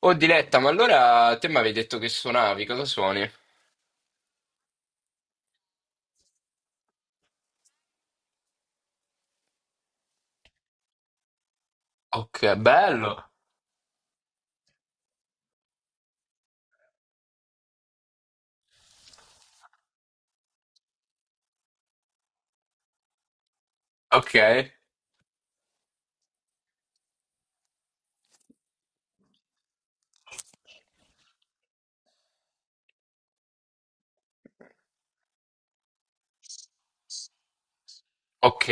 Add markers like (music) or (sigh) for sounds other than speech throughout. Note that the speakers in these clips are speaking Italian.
Oh Diletta, ma allora te mi avevi detto che suonavi, cosa suoni? Ok, bello. Ok, ok,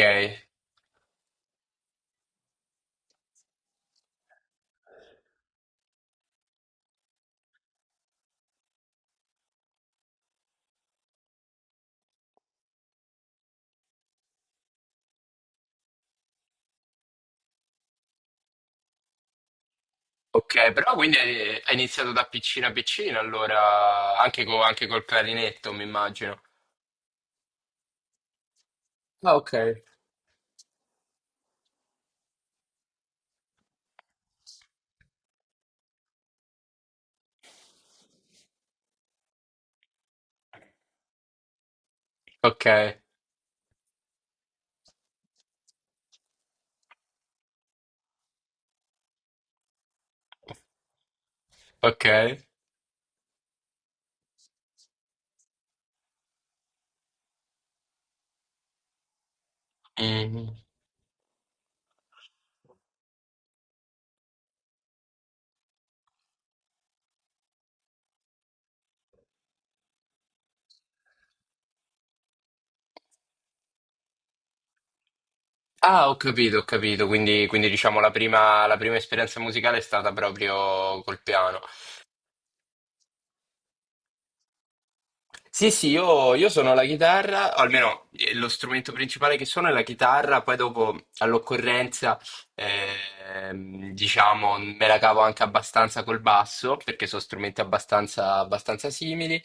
ok, però quindi hai iniziato da piccina piccina, allora anche, anche col clarinetto, mi immagino. Ah, ok. Ok, ok. Mm. Ah, ho capito, quindi, quindi diciamo la prima esperienza musicale è stata proprio col piano. Sì, sì, io suono la chitarra, o almeno lo strumento principale che suono è la chitarra, poi dopo all'occorrenza, diciamo, me la cavo anche abbastanza col basso, perché sono strumenti abbastanza, abbastanza simili.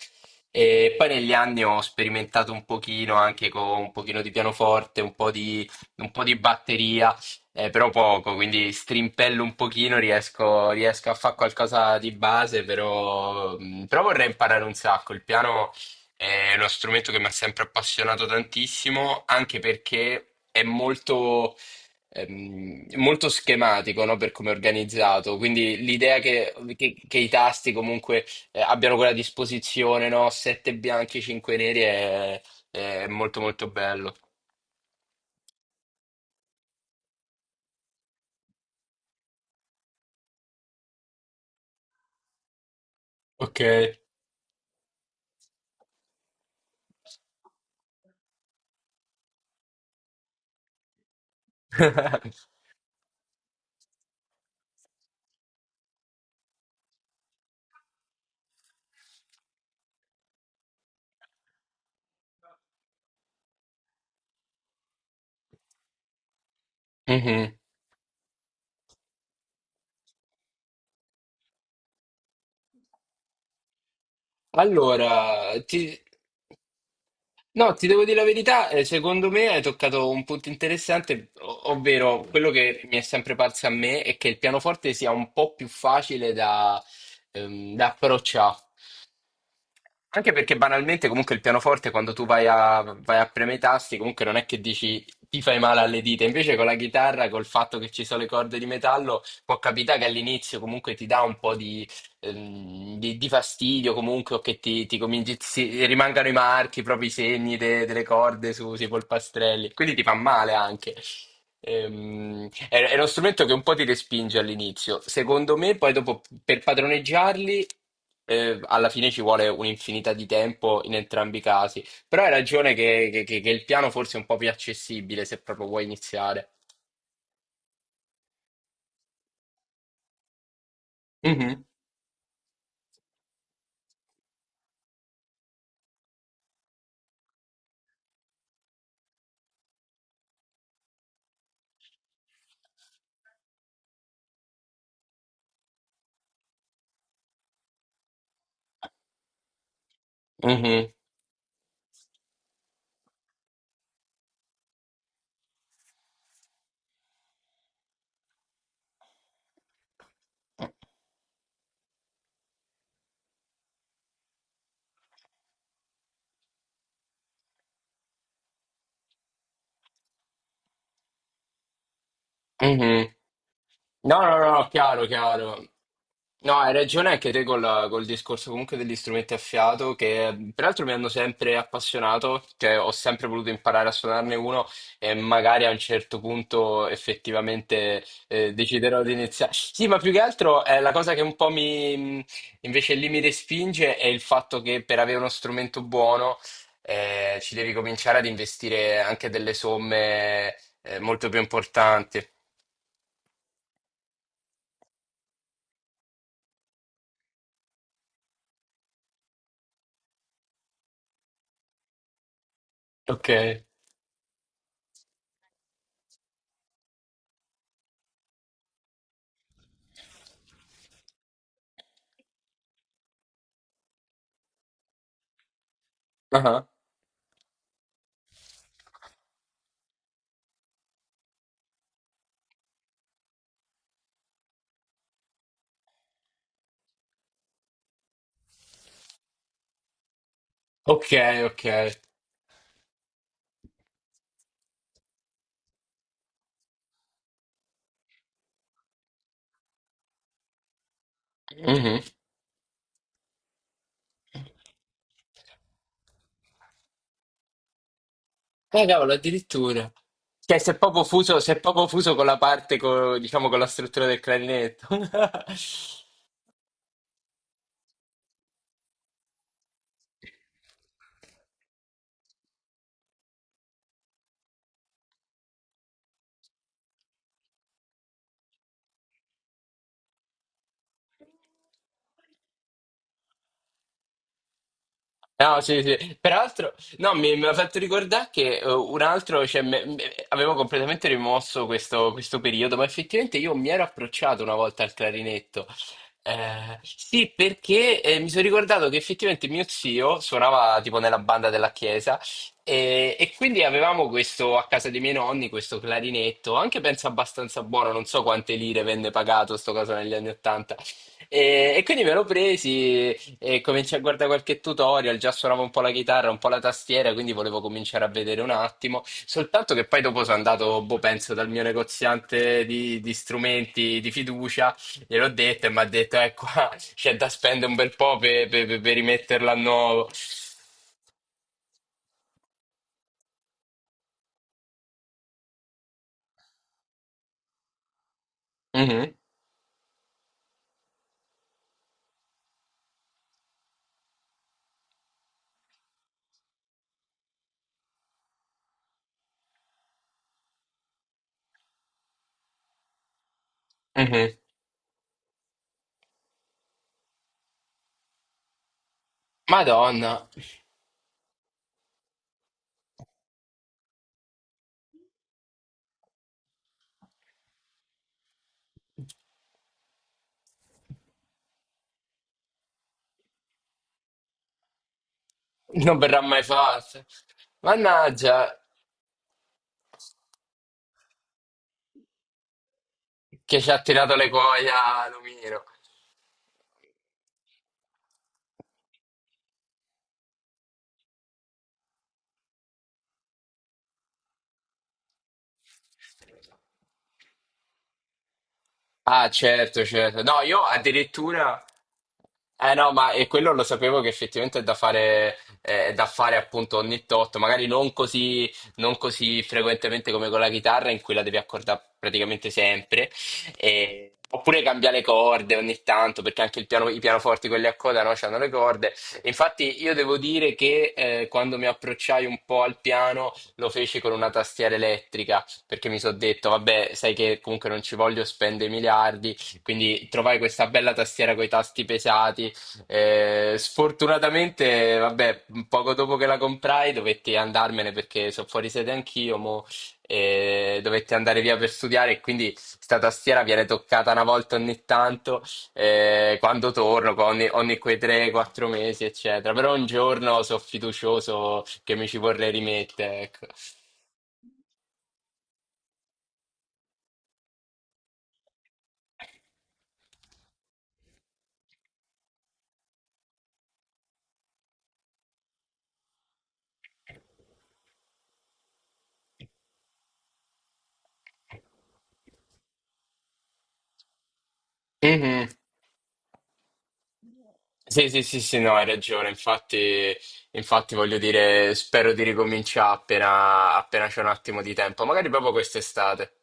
E poi negli anni ho sperimentato un pochino anche con un pochino di pianoforte, un po' di batteria, però poco, quindi strimpello un pochino, riesco, riesco a fare qualcosa di base, però, però vorrei imparare un sacco. Il piano... È uno strumento che mi ha sempre appassionato tantissimo, anche perché è molto, molto schematico, no? Per come è organizzato. Quindi l'idea che, che i tasti comunque abbiano quella disposizione, no? Sette bianchi, cinque neri è molto molto bello. Ok. (laughs) Mhm. Allora, ti, No, ti devo dire la verità, secondo me hai toccato un punto interessante, ovvero quello che mi è sempre parso a me è che il pianoforte sia un po' più facile da, da approcciare. Anche perché banalmente comunque il pianoforte quando tu vai a, vai a premere i tasti comunque non è che dici ti fai male alle dita, invece con la chitarra, col fatto che ci sono le corde di metallo, può capitare che all'inizio comunque ti dà un po' di, di fastidio comunque o che ti cominci, rimangano i marchi, proprio i segni delle corde su, sui polpastrelli, quindi ti fa male anche. È uno strumento che un po' ti respinge all'inizio. Secondo me, poi dopo per padroneggiarli, alla fine ci vuole un'infinità di tempo in entrambi i casi. Però hai ragione che, che il piano forse è un po' più accessibile se proprio vuoi iniziare. Mhm. Mhm, mhm. No, no, no, no, chiaro, chiaro. No, hai ragione anche te col, col discorso comunque degli strumenti a fiato che peraltro mi hanno sempre appassionato, cioè ho sempre voluto imparare a suonarne uno e magari a un certo punto effettivamente deciderò di iniziare. Sì, ma più che altro la cosa che un po' mi invece lì mi respinge è il fatto che per avere uno strumento buono ci devi cominciare ad investire anche delle somme molto più importanti. Ok. Ah. Ok, ok. Mhm. Cavolo, addirittura. Cioè, si è proprio fuso, si è proprio fuso con la parte, diciamo, con la struttura del clarinetto. (laughs) No, sì, sì. Peraltro, no, mi ha fatto ricordare che un altro, cioè, avevo completamente rimosso questo, questo periodo, ma effettivamente io mi ero approcciato una volta al clarinetto. Sì, perché mi sono ricordato che effettivamente mio zio suonava tipo nella banda della chiesa e quindi avevamo questo a casa dei miei nonni, questo clarinetto, anche penso abbastanza buono, non so quante lire venne pagato sto caso negli anni Ottanta. E quindi me lo presi. E cominciai a guardare qualche tutorial, già suonavo un po' la chitarra, un po' la tastiera, quindi volevo cominciare a vedere un attimo. Soltanto che poi dopo sono andato, boh, penso, dal mio negoziante di strumenti di fiducia, gliel'ho detto e mi ha detto, qua (laughs) c'è da spendere un bel po' per, per rimetterla a nuovo. Mhm, mhm. Madonna, non verrà mai fatta. Mannaggia, che ci ha tirato le cuoia, Lumino. Ah, certo, certo. No, io addirittura... Eh no, ma e quello lo sapevo che effettivamente è da fare appunto ogni tot, magari non così, non così frequentemente come con la chitarra in cui la devi accordare praticamente sempre, oppure cambiare le corde ogni tanto, perché anche i pianoforti quelli a coda no, hanno le corde. Infatti io devo dire che quando mi approcciai un po' al piano lo feci con una tastiera elettrica perché mi sono detto, vabbè, sai che comunque non ci voglio spendere miliardi, quindi trovai questa bella tastiera con i tasti pesati. Sfortunatamente, vabbè, poco dopo che la comprai dovetti andarmene perché sono fuori sede anch'io, mo, e dovetti andare via per studiare e quindi sta tastiera viene toccata una volta ogni tanto, quando torno, qua ogni, ogni quei 3-4 mesi, eccetera. Però un giorno sono fiducioso che mi ci vorrei rimettere, ecco. Mhm. Sì, sì, sì, sì, no, hai ragione. Infatti, infatti voglio dire, spero di ricominciare appena, appena c'è un attimo di tempo, magari proprio quest'estate.